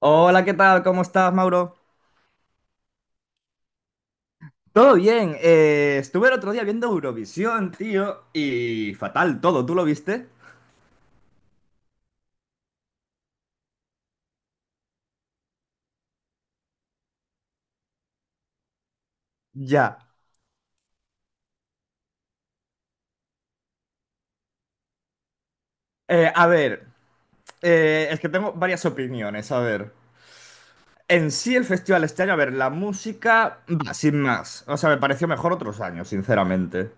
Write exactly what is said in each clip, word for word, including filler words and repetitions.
Hola, ¿qué tal? ¿Cómo estás, Mauro? Todo bien. Eh, estuve el otro día viendo Eurovisión, tío, y fatal todo. ¿Tú lo viste? Ya. Eh, a ver, eh, es que tengo varias opiniones. A ver, en sí el festival este año, a ver, la música, bah, sin más. O sea, me pareció mejor otros años, sinceramente.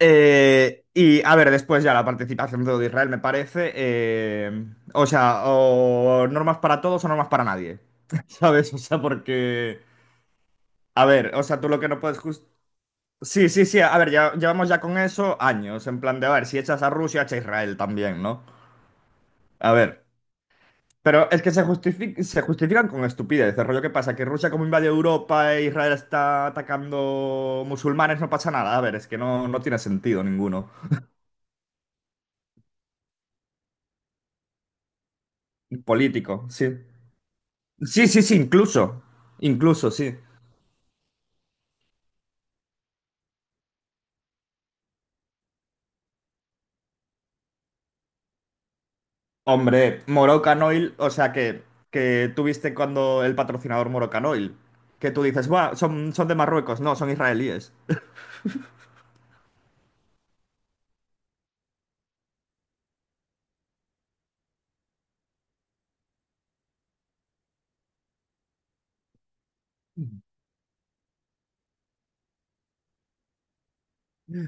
Eh, y a ver, después ya la participación de Israel me parece, eh, o sea, o normas para todos o normas para nadie. ¿Sabes? O sea, porque... A ver, o sea, tú lo que no puedes jus- Sí, sí, sí, a ver, ya llevamos ya con eso años, en plan de, a ver, si echas a Rusia, echa a Israel también, ¿no? A ver, pero es que se justifi- se justifican con estupidez, el rollo que pasa, que Rusia como invade Europa e Israel está atacando musulmanes, no pasa nada, a ver, es que no, no tiene sentido ninguno. Político, sí. Sí, sí, sí, incluso, incluso, sí. Hombre, Morocanoil, o sea que, que tuviste cuando el patrocinador Morocanoil, que tú dices, "Buah, son, son de Marruecos, no, son israelíes."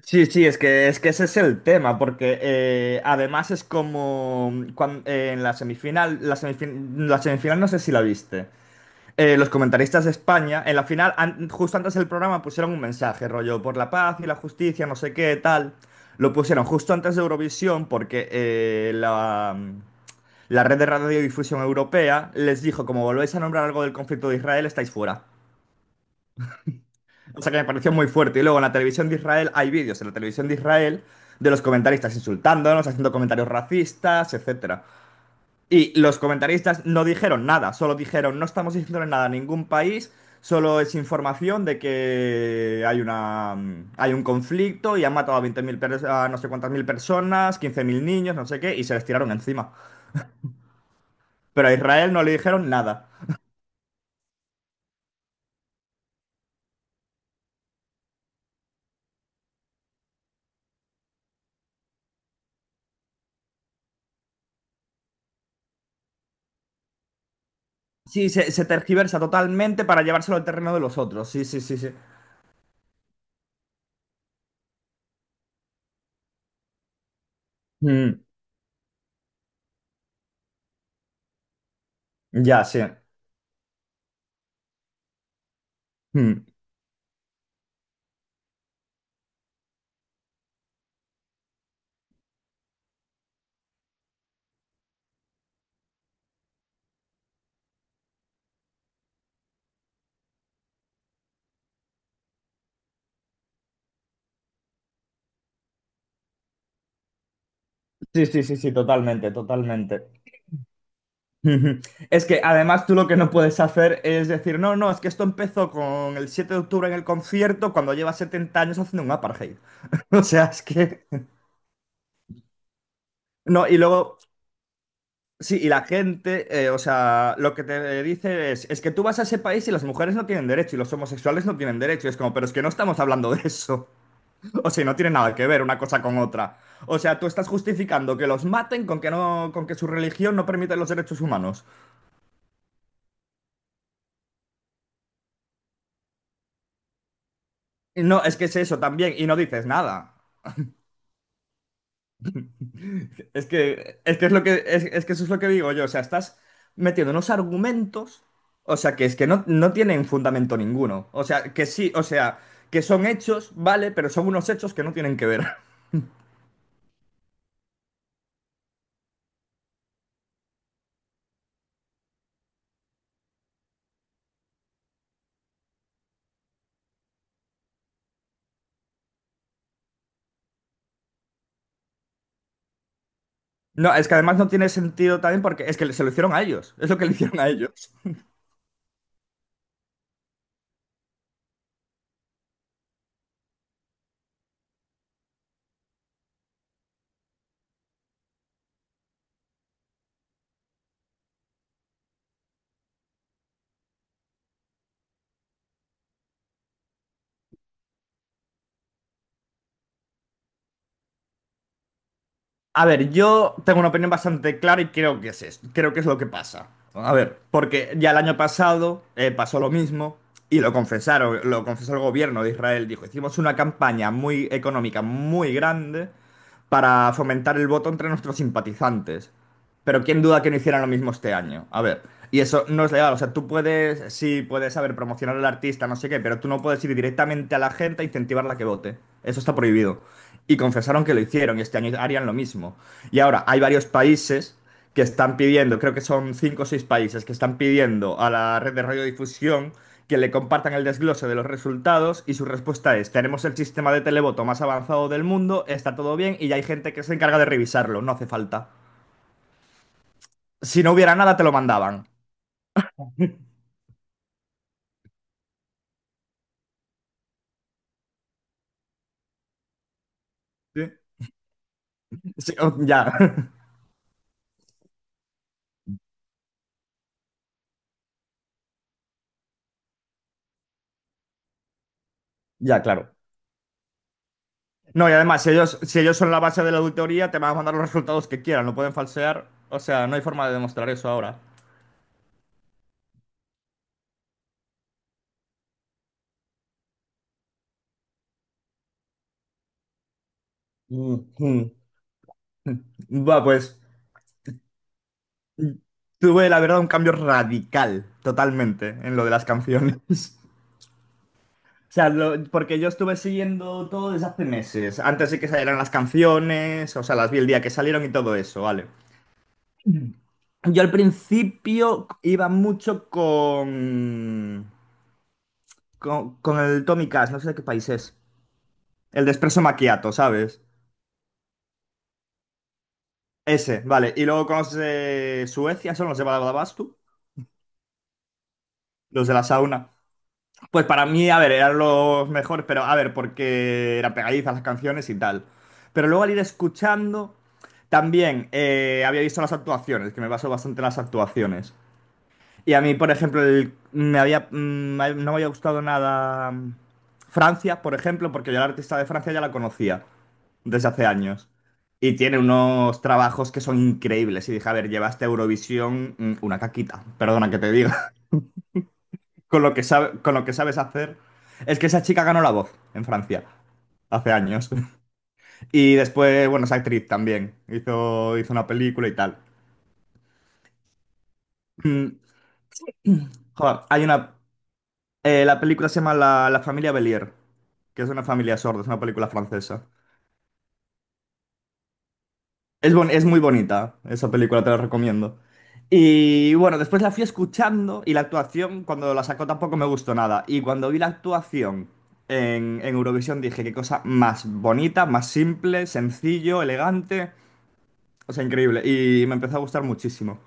Sí, sí, es que, es que ese es el tema, porque eh, además es como cuan- eh, en la semifinal, la semifinal, la semifinal no sé si la viste. Eh, los comentaristas de España, en la final, an- justo antes del programa, pusieron un mensaje, rollo, por la paz y la justicia, no sé qué, tal. Lo pusieron justo antes de Eurovisión porque eh, la, la red de radiodifusión europea les dijo, como volvéis a nombrar algo del conflicto de Israel, estáis fuera. O sea que me pareció muy fuerte. Y luego en la televisión de Israel hay vídeos en la televisión de Israel de los comentaristas insultándonos, haciendo comentarios racistas, etcétera. Y los comentaristas no dijeron nada, solo dijeron, no estamos diciéndole nada a ningún país, solo es información de que hay, una, mm, hay un conflicto y han matado a veinte mil a no sé cuántas mil personas, quince mil niños, no sé qué, y se les tiraron encima. Pero a Israel no le dijeron nada. Sí, se, se tergiversa totalmente para llevárselo al terreno de los otros. Sí, sí, sí, sí. Mm, ya, sí. Mm. Sí, sí, sí, sí, totalmente, totalmente. Ujú. Es que además tú lo que no puedes hacer es decir, no, no, es que esto empezó con el siete de octubre en el concierto cuando lleva setenta años haciendo un apartheid. O sea, es que... No, y luego, sí, y la gente, eh, o sea, lo que te dice es, es que tú vas a ese país y las mujeres no tienen derecho y los homosexuales no tienen derecho. Y es como, pero es que no estamos hablando de eso. O sea, no tiene nada que ver una cosa con otra. O sea, tú estás justificando que los maten con que no, con que su religión no permite los derechos humanos. Y no, es que es eso también, y no dices nada. Es que, es que es lo que, es, es que eso es lo que digo yo. O sea, estás metiendo unos argumentos, o sea, que es que no, no tienen fundamento ninguno. O sea, que sí, o sea, que son hechos, vale, pero son unos hechos que no tienen que ver. No, es que además no tiene sentido también porque es que se lo hicieron a ellos. Es lo que le hicieron a ellos. A ver, yo tengo una opinión bastante clara y creo que es esto, creo que es lo que pasa. A ver, porque ya el año pasado eh, pasó lo mismo y lo confesaron, lo confesó el gobierno de Israel. Dijo, hicimos una campaña muy económica, muy grande para fomentar el voto entre nuestros simpatizantes. Pero quién duda que no hicieran lo mismo este año. A ver, y eso no es legal. O sea, tú puedes, sí, puedes, a ver, promocionar al artista, no sé qué, pero tú no puedes ir directamente a la gente e incentivarla a que vote. Eso está prohibido y confesaron que lo hicieron y este año harían lo mismo. Y ahora hay varios países que están pidiendo, creo que son cinco o seis países que están pidiendo a la red de radiodifusión que le compartan el desglose de los resultados y su respuesta es, tenemos el sistema de televoto más avanzado del mundo, está todo bien y ya hay gente que se encarga de revisarlo, no hace falta. Si no hubiera nada, te lo mandaban. Sí. Sí, oh, ya, ya, claro. No, y además, si ellos, si ellos son la base de la auditoría, te van a mandar los resultados que quieran, no pueden falsear. O sea, no hay forma de demostrar eso ahora. Ujú. Va, pues tuve la verdad un cambio radical totalmente en lo de las canciones. O sea, lo- porque yo estuve siguiendo todo desde hace meses. Antes de que salieran las canciones, o sea, las vi el día que salieron y todo eso, ¿vale? Yo al principio iba mucho con, con, con el Tommy Cash, no sé de qué país es. El de Espresso Macchiato, ¿sabes? Ese, vale. Y luego con los de Suecia, son los de Badabadabastu, los de la sauna. Pues para mí, a ver, eran los mejores, pero a ver, porque eran pegadizas las canciones y tal. Pero luego al ir escuchando, también eh, había visto las actuaciones, que me basó bastante en las actuaciones. Y a mí, por ejemplo, el- me había, mm, me- no me había gustado nada mm, Francia, por ejemplo, porque yo la artista de Francia ya la conocía desde hace años. Y tiene unos trabajos que son increíbles. Y dije, a ver, llevaste a este Eurovisión mm, una caquita, perdona que te diga con lo que sabe- con lo que sabes hacer. Es que esa chica ganó La Voz en Francia hace años. Y después, bueno, es actriz también. Hizo, hizo una película y tal. Mm, joder, hay una. Eh, la película se llama La, La familia Belier, que es una familia sorda, es una película francesa. Es, bon- es muy bonita, esa película te la recomiendo. Y bueno, después la fui escuchando y la actuación cuando la sacó tampoco me gustó nada. Y cuando vi la actuación en, en Eurovisión dije, qué cosa más bonita, más simple, sencillo, elegante. O sea, increíble. Y me empezó a gustar muchísimo.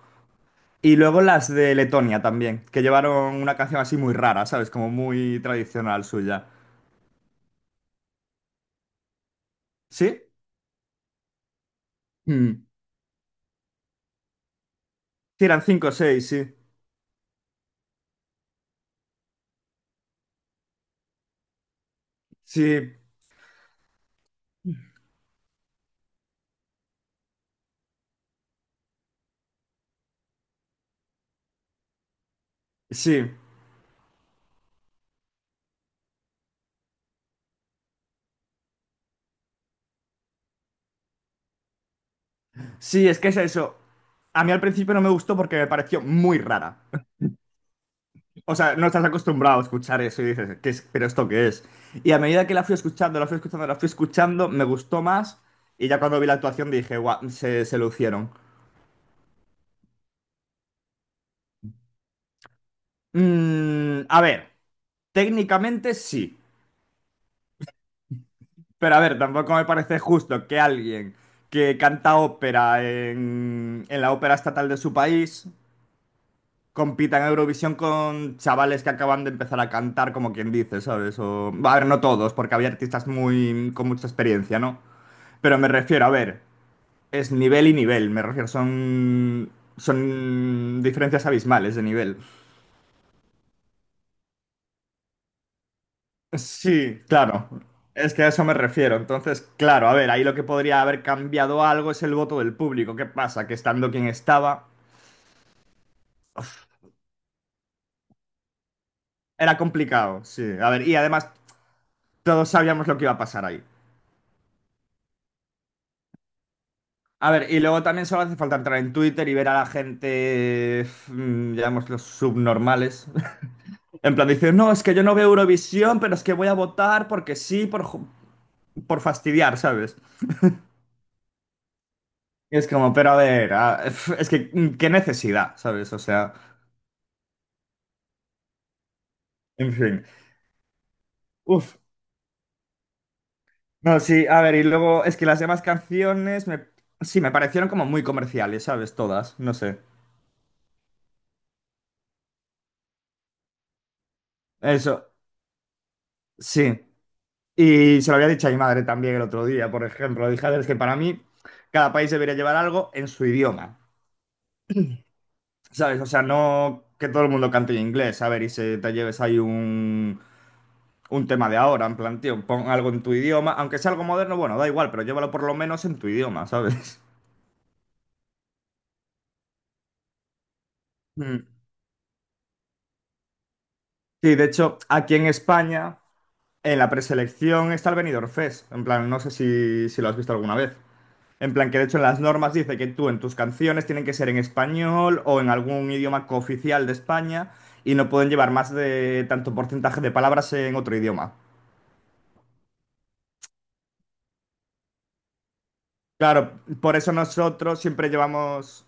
Y luego las de Letonia también, que llevaron una canción así muy rara, ¿sabes? Como muy tradicional suya. ¿Sí? Mm. Sí, eran cinco o seis, sí. Sí, sí. Sí, es que es eso. A mí al principio no me gustó porque me pareció muy rara. O sea, no estás acostumbrado a escuchar eso y dices, ¿qué es? ¿Pero esto qué es? Y a medida que la fui escuchando, la fui escuchando, la fui escuchando, me gustó más. Y ya cuando vi la actuación dije, guau, se, se lucieron. Mm, a ver, técnicamente sí. Pero a ver, tampoco me parece justo que alguien que canta ópera en, en la ópera estatal de su país compitan en Eurovisión con chavales que acaban de empezar a cantar, como quien dice, ¿sabes? O, a ver, no todos, porque había artistas muy con mucha experiencia, ¿no? Pero me refiero, a ver, es nivel y nivel, me refiero, son son diferencias abismales de nivel. Sí, claro. Es que a eso me refiero. Entonces, claro, a ver, ahí lo que podría haber cambiado algo es el voto del público. ¿Qué pasa? Que estando quien estaba, era complicado, sí. A ver, y además todos sabíamos lo que iba a pasar ahí. A ver, y luego también solo hace falta entrar en Twitter y ver a la gente, mm, digamos, los subnormales. En plan, dicen, no, es que yo no veo Eurovisión, pero es que voy a votar porque sí, por, ju- por fastidiar, ¿sabes? Y es como, pero a ver, a- es que mm, qué necesidad, ¿sabes? O sea, en fin. Uf, no, sí, a ver, y luego es que las demás canciones me, sí, me parecieron como muy comerciales, ¿sabes? Todas, no sé. Eso, sí. Y se lo había dicho a mi madre también el otro día, por ejemplo. Dije, a ver, es que para mí cada país debería llevar algo en su idioma, ¿sabes? O sea, no que todo el mundo cante en inglés, a ver, y se te lleves ahí un, un tema de ahora, en plan, tío, pon algo en tu idioma, aunque sea algo moderno, bueno, da igual, pero llévalo por lo menos en tu idioma, ¿sabes? Mm. Sí, de hecho, aquí en España, en la preselección está el Benidorm Fest, en plan, no sé si, si lo has visto alguna vez. En plan, que de hecho en las normas dice que tú en tus canciones tienen que ser en español o en algún idioma cooficial de España y no pueden llevar más de tanto porcentaje de palabras en otro idioma. Claro, por eso nosotros siempre llevamos...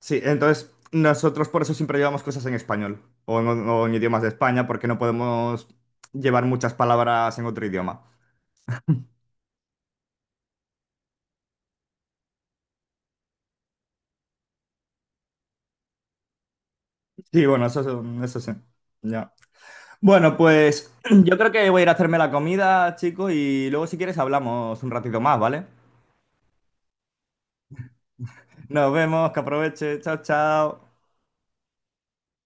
Sí, entonces nosotros por eso siempre llevamos cosas en español o en, o en idiomas de España porque no podemos llevar muchas palabras en otro idioma. Sí, bueno, eso, eso sí. Ya. Bueno, pues yo creo que voy a ir a hacerme la comida, chico, y luego si quieres hablamos un ratito más, ¿vale? Nos vemos, que aproveche. Chao, chao.